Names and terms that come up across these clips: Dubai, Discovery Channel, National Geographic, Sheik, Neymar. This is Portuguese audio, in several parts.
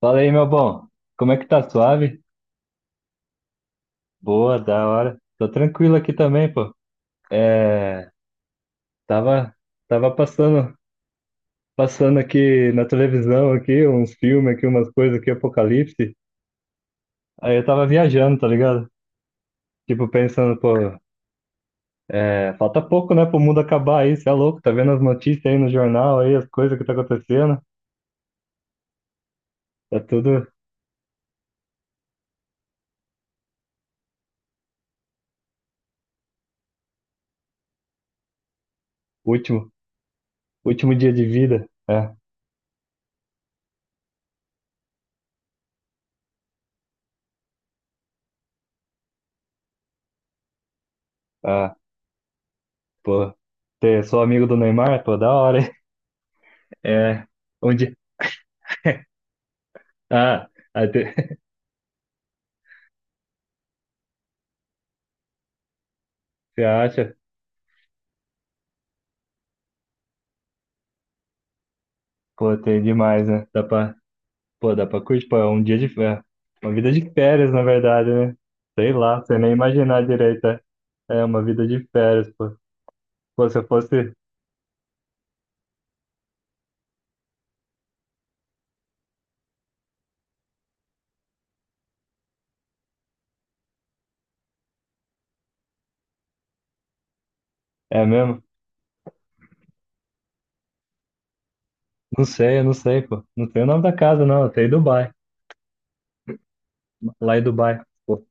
Fala aí, meu bom. Como é que tá? Suave? Boa, da hora. Tô tranquilo aqui também, pô. É, tava, tava passando, passando aqui na televisão aqui, uns filmes aqui, umas coisas aqui, apocalipse. Aí eu tava viajando, tá ligado? Tipo, pensando, pô, é, falta pouco, né, pro mundo acabar aí, cê é louco, tá vendo as notícias aí no jornal aí, as coisas que tá acontecendo. É tudo último, último dia de vida. É, ah, pô, ter, sou amigo do Neymar, pô, da hora, hein? É, um dia. Ah, aí te- você acha? Pô, tem demais, né? Pô, dá pra curtir, pô, é um dia de férias. Uma vida de férias, na verdade, né? Sei lá, você nem imaginar direito. É, é uma vida de férias, pô. Pô, se eu fosse. É mesmo? Não sei, eu não sei, pô. Não sei o nome da casa, não. Eu sei Dubai. Lá em Dubai. Pô,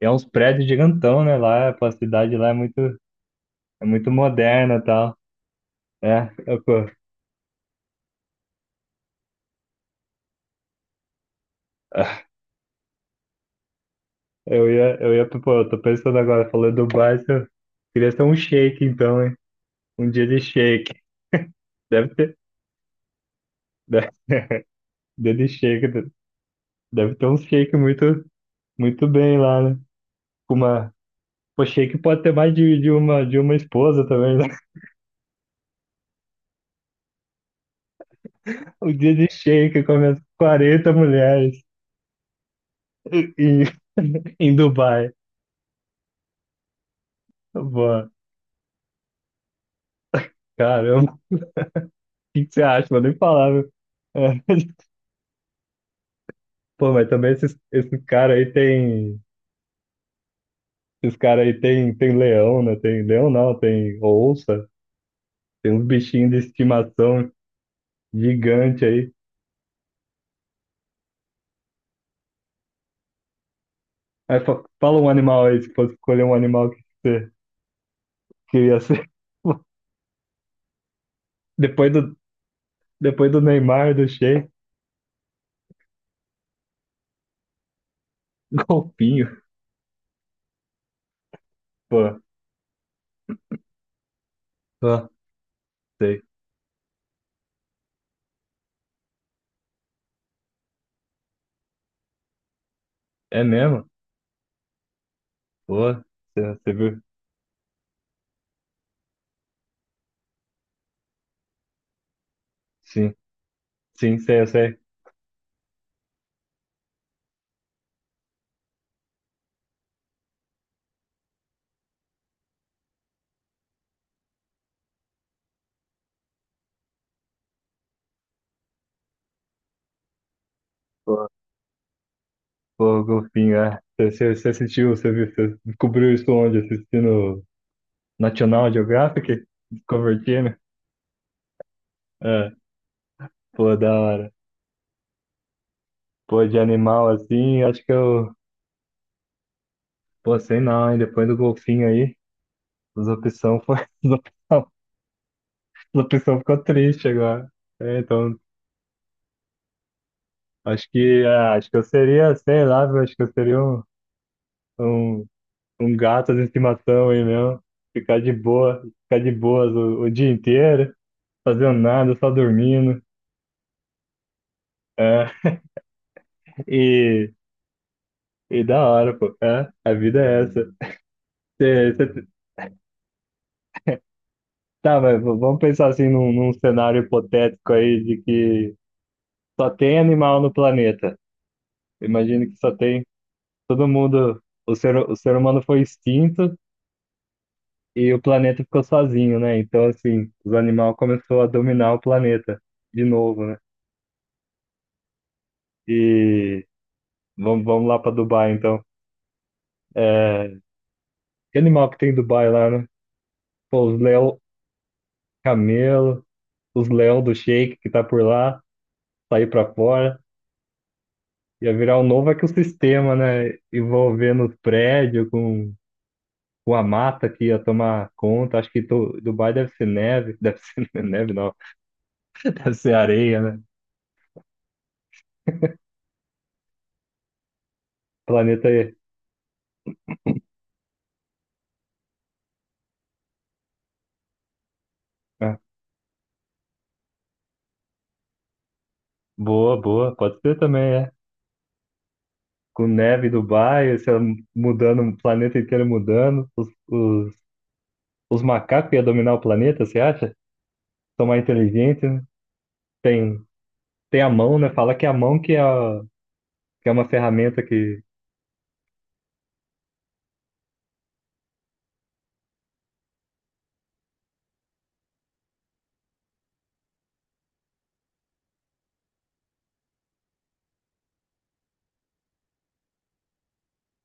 é uns prédios gigantão, né? Lá, pô, a cidade lá é muito moderna e tal. Pô, pô, eu tô pensando agora, falou Dubai, se eu queria ser um shake, então, hein? Um dia de shake. Deve ter. Deve, dia de Daily shake. De- Deve ter um shake muito bem lá, né? Com uma, pô, shake pode ter mais de uma esposa também, né? Um dia de shake com as 40 mulheres em, em Dubai. Boa. Caramba, o que você acha? Vou nem falar, viu? É. Pô, mas também esses caras aí tem. Esses caras aí tem, tem leão, né? Tem leão não, tem onça, tem uns bichinhos de estimação gigante aí. Aí fa- fala um animal aí, se fosse escolher um animal que você queria ser. Depois do, depois do Neymar, do Sheik, golfinho. Pô, pô, sei. É mesmo? Pô, você viu? Sim, sim, sei, eu sei. Pô, pô, golfinho, é. Você, você assistiu, você viu, você descobriu isso onde? Assistindo National Geographic? Discovery Channel? É, pô, da hora. Pô, de animal assim, acho que eu. Pô, sei não, hein? Depois do golfinho aí, as opções foram. A pessoa ficou triste agora. É, então, acho que, é, acho que eu seria, sei lá, viu, acho que eu seria um, um gato de estimação aí mesmo. Ficar de boa, ficar de boas o dia inteiro, fazendo nada, só dormindo. É, e, e da hora, pô. É, a vida é essa. Cê- tá, mas v- vamos pensar assim num cenário hipotético aí de que só tem animal no planeta. Imagine que só tem todo mundo, o ser humano foi extinto. E o planeta ficou sozinho, né? Então, assim, os animais começaram a dominar o planeta de novo, né? E vamos lá para Dubai, então. É, que animal que tem em Dubai lá, né? Pô, os leão camelo, os leão do Sheik que tá por lá, sair para fora. Ia virar um novo ecossistema, né? Envolvendo os prédios com a mata que ia tomar conta. Acho que Tu- Dubai deve ser neve, deve ser neve, não, deve ser areia, né? Planeta aí. Ah, boa, boa, pode ser também, é. Com neve em Dubai, você mudando, o planeta inteiro mudando. Os macacos iam dominar o planeta, você acha? São mais inteligentes, né? Tem, tem a mão, né? Fala que é a mão que é, a- que é uma ferramenta que,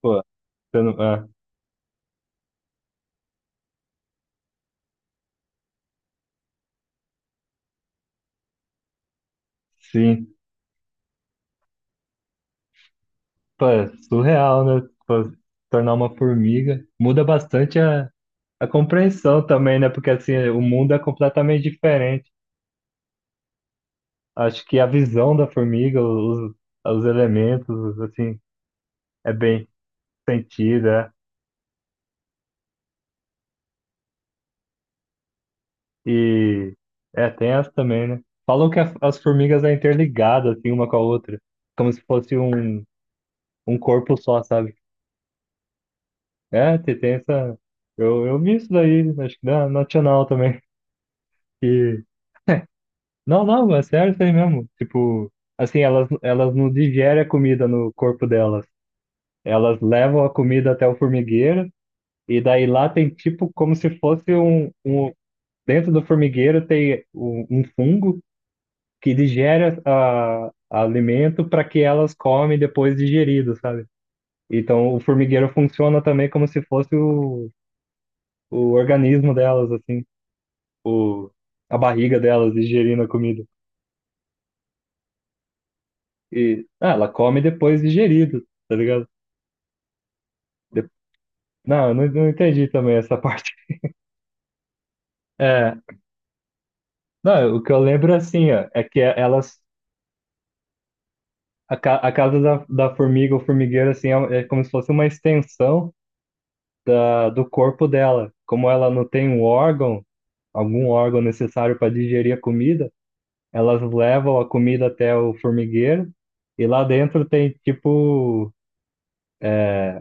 pô, você não- ah, sim, pô, é surreal, né? Pô, se tornar uma formiga. Muda bastante a compreensão também, né? Porque assim, o mundo é completamente diferente. Acho que a visão da formiga, os elementos, assim, é bem sentido, é. E é, tem essa também, né? Falam que as formigas é interligada, assim, uma com a outra. Como se fosse um corpo só, sabe? É, tem, tem essa. Eu vi isso daí, acho que na Nacional também. E... Não, não, é sério isso aí mesmo. Tipo, assim, elas não digerem a comida no corpo delas. Elas levam a comida até o formigueiro, e daí lá tem tipo como se fosse um... Dentro do formigueiro tem um fungo que digere a alimento para que elas comem depois digerido, sabe? Então o formigueiro funciona também como se fosse o organismo delas, assim, o, a barriga delas digerindo a comida. E ah, ela come depois digerido, tá ligado? De- Não, eu não, não entendi também essa parte. É, não, o que eu lembro assim, ó, é que elas a, ca- a casa da, da formiga ou formigueiro assim é, é como se fosse uma extensão ah, do corpo dela. Como ela não tem um órgão algum órgão necessário para digerir a comida, elas levam a comida até o formigueiro e lá dentro tem tipo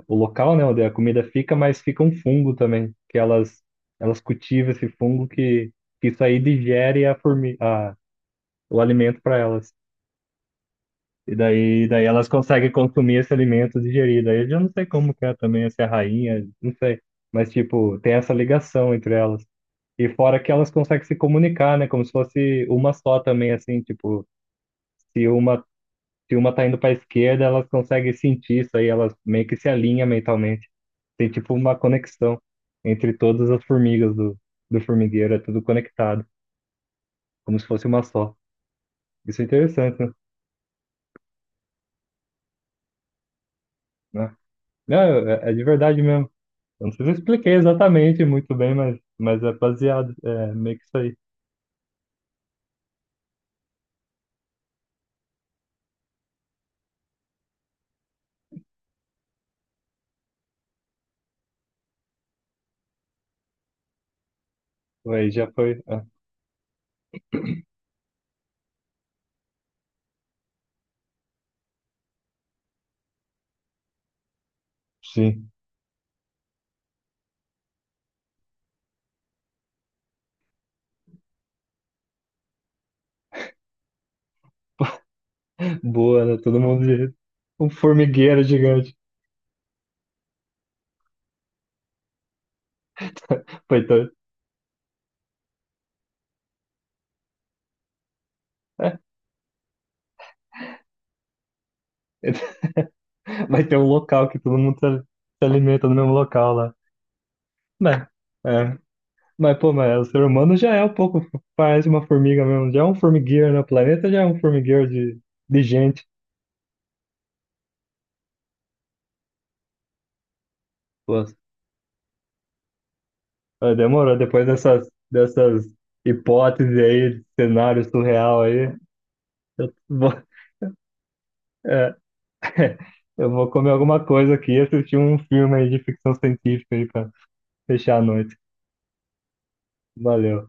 o local, né, onde a comida fica, mas fica um fungo também, que elas cultivam esse fungo que isso aí digere a formi a, o alimento para elas. E daí elas conseguem consumir esse alimento digerido. Aí eu já não sei como que é também, se é rainha, não sei. Mas, tipo, tem essa ligação entre elas. E fora que elas conseguem se comunicar, né? Como se fosse uma só também, assim, tipo, se uma, se uma tá indo pra esquerda, elas conseguem sentir isso aí, elas meio que se alinham mentalmente. Tem tipo uma conexão entre todas as formigas do, do formigueiro, é tudo conectado, como se fosse uma só. Isso é interessante, né? Não, é, é de verdade mesmo. Eu não sei se eu expliquei exatamente muito bem, mas é baseado, é meio que isso aí. Aí já foi. É, sim. Boa, né? Todo mundo de um formigueiro gigante. Foi, então é, vai ter um local que todo mundo se alimenta no mesmo local lá. Mas, é, mas pô, mas o ser humano já é um pouco, parece uma formiga mesmo, já é um formigueiro no planeta, já é um formigueiro de gente. Pô, é, demorou, depois dessas, dessas hipóteses aí, cenário surreal aí, eu vou, é, eu vou comer alguma coisa aqui e assistir um filme aí de ficção científica aí pra fechar a noite. Valeu.